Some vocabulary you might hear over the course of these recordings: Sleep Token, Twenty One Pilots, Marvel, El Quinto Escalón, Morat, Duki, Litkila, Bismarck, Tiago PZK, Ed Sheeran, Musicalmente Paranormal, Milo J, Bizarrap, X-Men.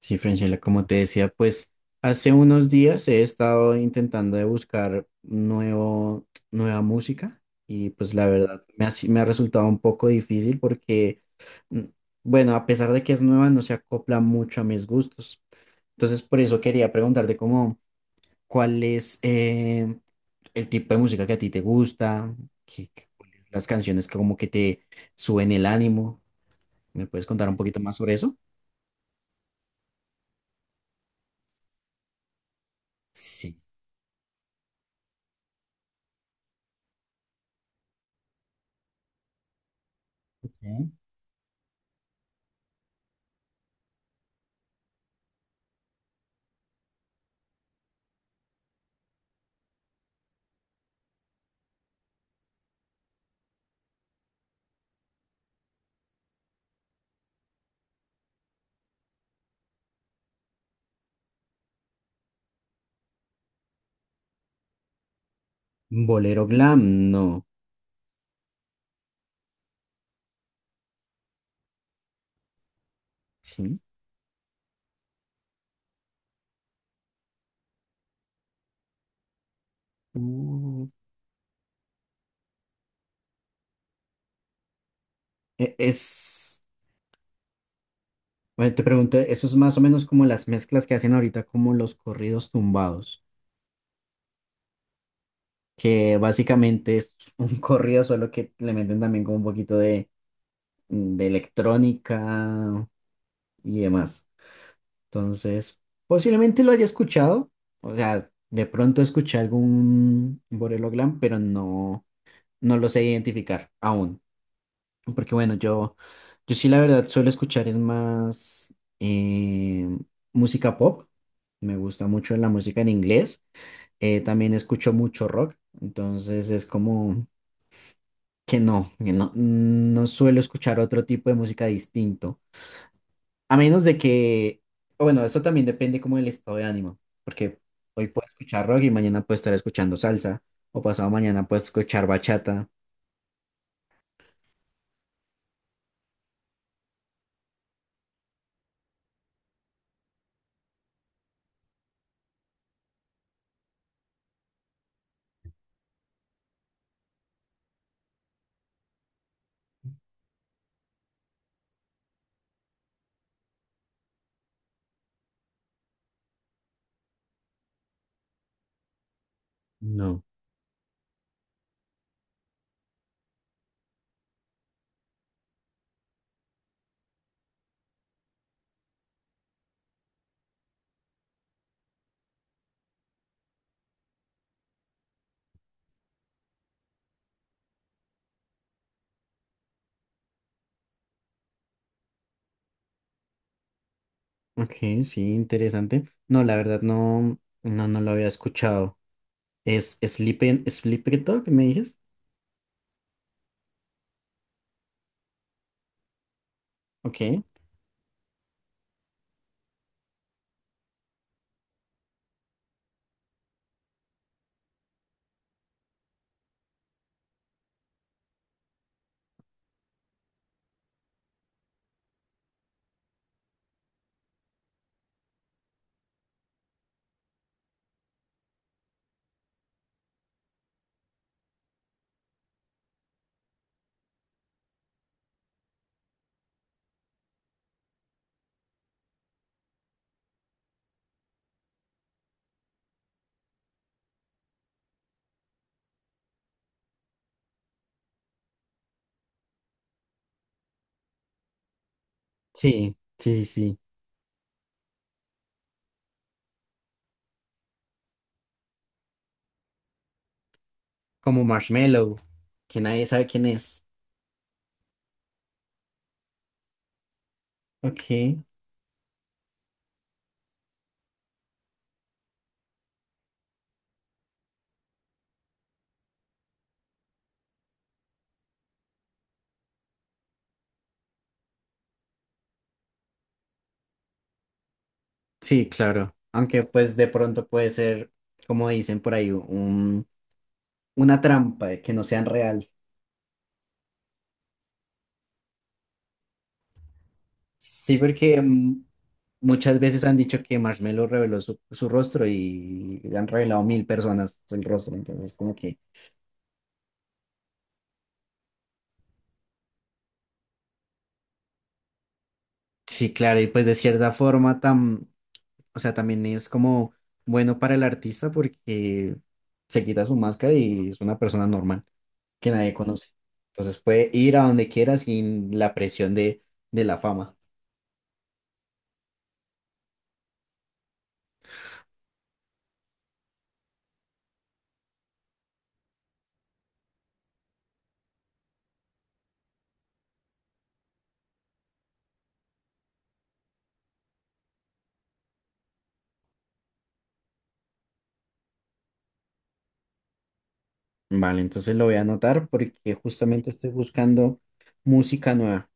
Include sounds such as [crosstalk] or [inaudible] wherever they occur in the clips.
Sí, Francela, como te decía, pues hace unos días he estado intentando de buscar nueva música y pues la verdad me ha, si- me ha resultado un poco difícil porque, mm, bueno, a pesar de que es nueva, no se acopla mucho a mis gustos. Entonces, por eso quería preguntarte como cuál es el tipo de música que a ti te gusta, cuáles las canciones que como que te suben el ánimo. ¿Me puedes contar un poquito más sobre eso? Sí. Ok. Bolero glam, no. Sí. Mm, Es, bueno, te pregunto, eso es más o menos como las mezclas que hacen ahorita, como los corridos tumbados, que básicamente es un [laughs] corrido, solo que le meten también como un poquito de, electrónica y demás. Entonces, posiblemente lo haya escuchado, o sea, de pronto escuché algún Borelo Glam, pero no, no lo sé identificar aún. Porque bueno, yo sí la verdad suelo escuchar es más eh, música pop. Me gusta mucho la música en inglés. También escucho mucho rock. Entonces es como que no, no suelo escuchar otro tipo de música distinto. A menos de que, o bueno, eso también depende como del estado de ánimo. Porque hoy puedo escuchar rock y mañana puedo estar escuchando salsa. O pasado mañana puedo escuchar bachata. No. Ok, sí, interesante. No, la verdad no, no lo había escuchado. ¿Es Sleepy Dog, me dices? Ok. Sí, sí, sí, sí. Como Marshmallow, que nadie sabe quién es. Ok, sí, claro. Aunque pues de pronto puede ser, como dicen por ahí, una trampa de que no sean real. Sí, porque muchas veces han dicho que Marshmallow reveló su rostro y han revelado 1.000 personas el rostro, entonces como que... Sí, claro, y pues de cierta forma, o sea, también es como bueno para el artista porque se quita su máscara y es una persona normal que nadie conoce. Entonces puede ir a donde quiera sin la presión de la fama. Vale, entonces lo voy a anotar porque justamente estoy buscando música nueva.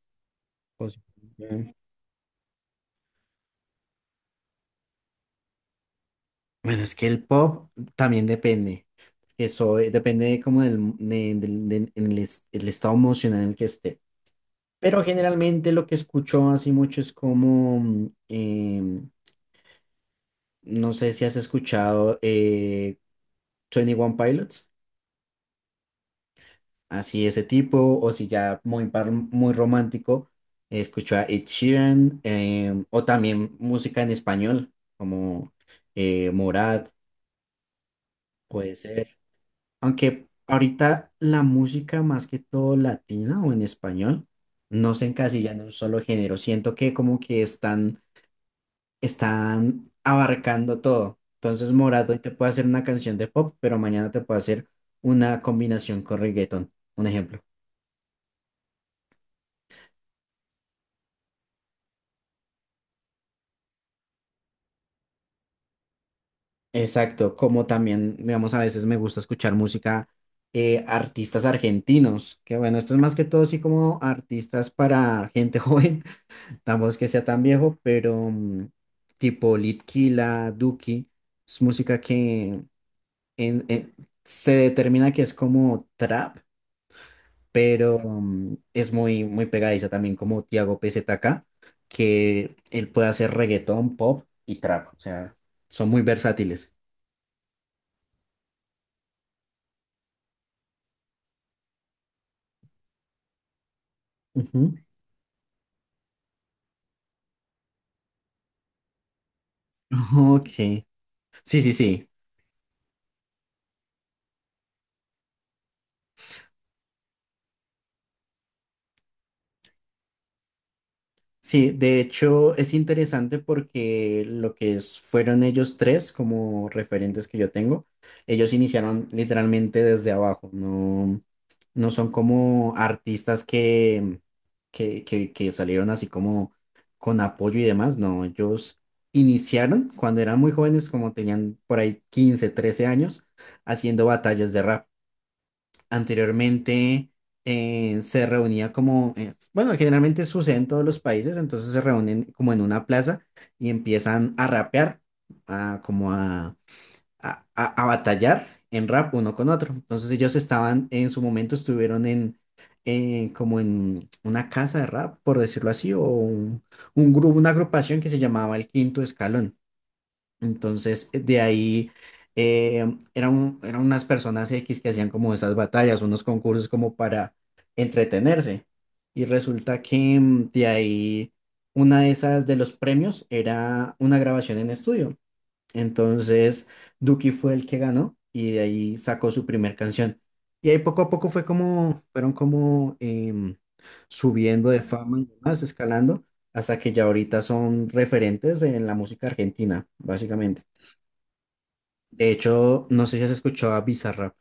Pues, eh, bueno, es que el pop también depende. Eso depende como del, de- del- del- en el, el estado emocional en el que esté. Pero generalmente lo que escucho así mucho es como, no sé si has escuchado Twenty One Pilots, así ese tipo, o si ya muy, muy romántico, escucho a Ed Sheeran, o también música en español, como Morat, puede ser. Aunque ahorita la música más que todo latina o en español, no se encasilla en un solo género, siento que como que están abarcando todo. Entonces, Morat hoy te puede hacer una canción de pop, pero mañana te puede hacer una combinación con reggaeton, un ejemplo. Exacto, como también, digamos, a veces me gusta escuchar música, artistas argentinos, que bueno, esto es más que todo así como artistas para gente [laughs] joven, tampoco es que sea tan viejo, pero tipo Litkila, Duki, es música que en- en- se determina que es como trap, pero es muy, muy pegadiza también como Tiago PZK, que él puede hacer reggaetón, pop y trap, o sea, son muy versátiles. Ujú. [laughs] Ok, sí, sí, sí. Sí, de hecho es interesante porque lo que fueron ellos tres como referentes que yo tengo, ellos iniciaron literalmente desde abajo, no, no son como artistas que salieron así como con apoyo y demás, no, ellos iniciaron cuando eran muy jóvenes, como tenían por ahí 15 13 años, haciendo batallas de rap anteriormente se reunía como, bueno, generalmente sucede en todos los países, entonces se reúnen como en una plaza y empiezan a rapear, a, como a batallar en rap uno con otro. Entonces ellos estaban, en su momento estuvieron en, como en una casa de rap, por decirlo así, o un grupo, una agrupación que se llamaba El Quinto Escalón. Entonces, de ahí eh, eran unas personas X que hacían como esas batallas, unos concursos como para entretenerse. Y resulta que de ahí una de esas de los premios era una grabación en estudio. Entonces, Duki fue el que ganó y de ahí sacó su primer canción. Y ahí poco a poco fue como, fueron como subiendo de fama y demás, escalando, hasta que ya ahorita son referentes en la música argentina, básicamente. De hecho, no sé si has escuchado a Bizarrap.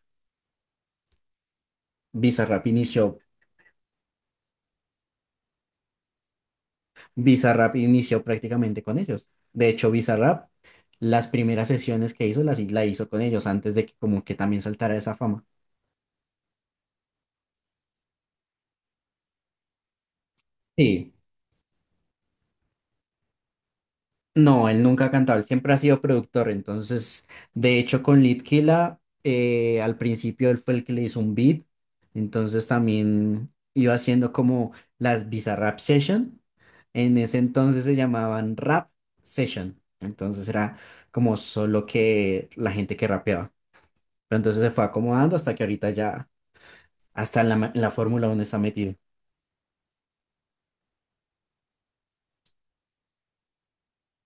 Bizarrap inició, Bizarrap inició prácticamente con ellos. De hecho, Bizarrap, las primeras sesiones que hizo, las la hizo con ellos antes de que como que también saltara esa fama. Sí, no, él nunca ha cantado, él siempre ha sido productor. Entonces, de hecho, con Litkila, al principio él fue el que le hizo un beat. Entonces, también iba haciendo como las Bizarrap Session. En ese entonces se llamaban Rap Session. Entonces, era como solo que la gente que rapeaba. Pero entonces se fue acomodando hasta que ahorita ya, hasta en la Fórmula 1 está metido.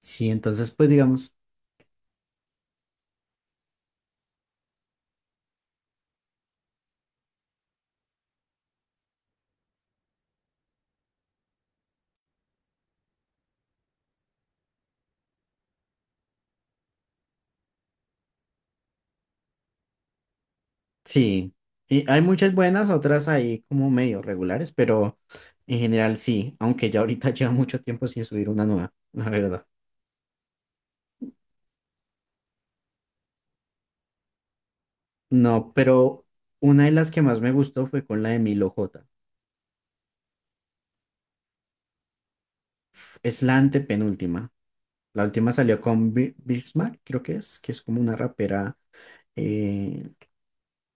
Sí, entonces, pues digamos. Sí, y hay muchas buenas, otras ahí como medio regulares, pero en general sí, aunque ya ahorita [laughs] lleva mucho tiempo sin subir una nueva, la verdad. No, pero una de las que más me gustó fue con la de Milo J. Es la antepenúltima. La última salió con Bismarck, creo que es como una rapera, eh,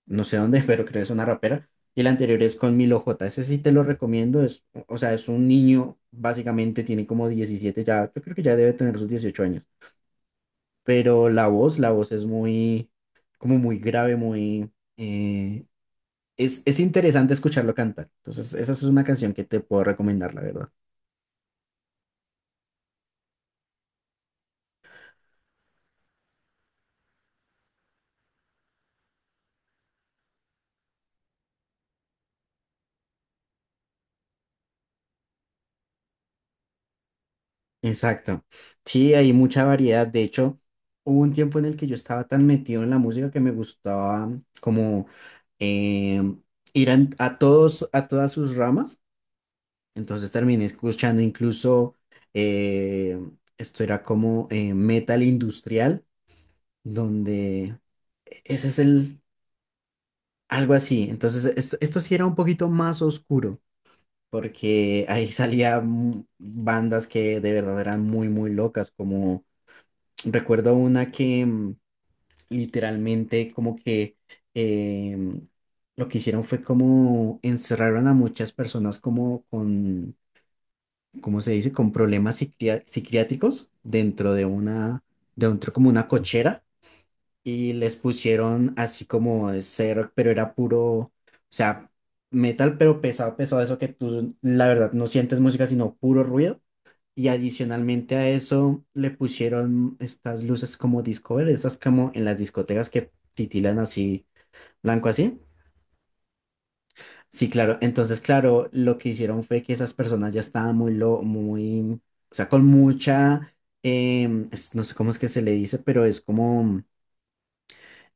no sé dónde, [laughs] pero creo que es una rapera. Y la anterior es con Milo J. Ese sí te lo recomiendo, es, o sea, es un niño, básicamente tiene como 17 ya, yo creo que ya debe tener sus 18 años. Pero la voz es muy, como muy grave, eh, es interesante escucharlo cantar. Entonces, esa es una canción que te puedo recomendar, la verdad. Exacto. Sí, hay mucha variedad. De hecho, hubo un tiempo en el que yo estaba tan metido en la música que me gustaba como eh, ir a todas sus ramas. Entonces terminé escuchando incluso, eh, esto era como metal industrial, donde e, ese es el, algo así. Entonces, esto sí era un poquito más oscuro, porque ahí [laughs] salían bandas que de verdad eran muy, muy locas, como recuerdo una que literalmente como que em, lo que hicieron fue como encerraron a muchas personas como con, ¿cómo se dice?, con problemas psiquiátricos dentro como una cochera y les pusieron así como de ser, pero era puro, o sea, metal, pero pesado, pesado, eso que tú, la verdad, no sientes música, sino puro ruido. Y adicionalmente a eso le pusieron estas luces como Discover, estas como en las discotecas que titilan así, blanco así. Sí, claro. Entonces, claro, lo que hicieron fue que esas personas ya estaban o sea, con mucha, no sé cómo es que se le dice, pero es como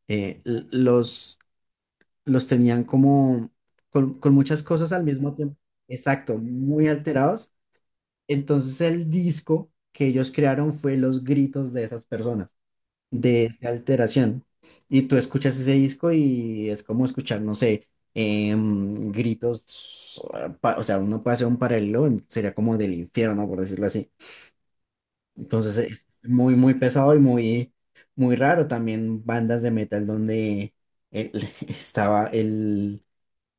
eh, l- los, los tenían como con muchas cosas al mismo tiempo. Exacto, muy alterados. Entonces el disco que ellos crearon fue los gritos de esas personas, de esa alteración. Y tú escuchas ese disco y es como escuchar, no sé, gritos, o sea, uno puede hacer un paralelo, sería como del infierno, por decirlo así. Entonces es muy, muy pesado y muy, muy raro. También bandas de metal donde el- [laughs] estaba el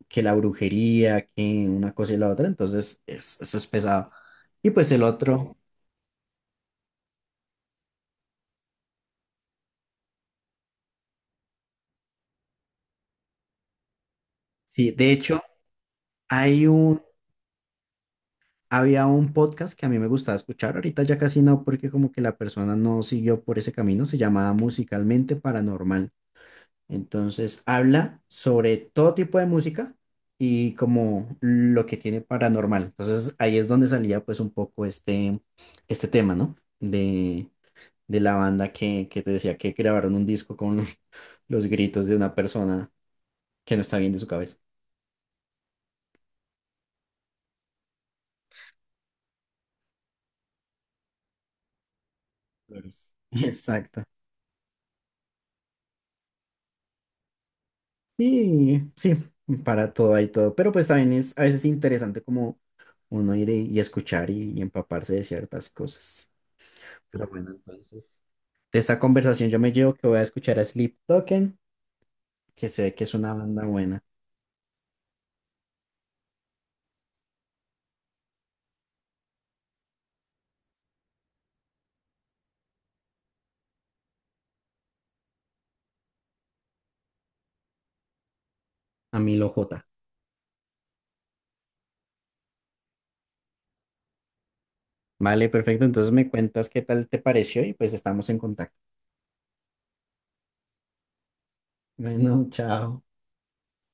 que la brujería, que una cosa y la otra, entonces eso es pesado. Y pues el otro, sí, de hecho, hay un, había un podcast que a mí me gustaba escuchar, ahorita ya casi no, porque como que la persona no siguió por ese camino, se llamaba Musicalmente Paranormal. Entonces habla sobre todo tipo de música y como lo que tiene paranormal. Entonces ahí es donde salía pues un poco este, tema, ¿no? De, de la banda que te decía que grabaron un disco con los gritos de una persona que no está bien de su cabeza. Flores. [laughs] Exacto. Sí, sí, para todo hay todo. Pero pues también es a veces interesante como uno ir y escuchar y empaparse de ciertas cosas. Pero bueno, bueno, entonces, de esta conversación yo me llevo que voy a escuchar a Sleep Token, que sé que es una banda buena, a Milo J. Vale, perfecto. Entonces me cuentas qué tal te pareció y pues estamos en contacto. Bueno, [laughs] chao.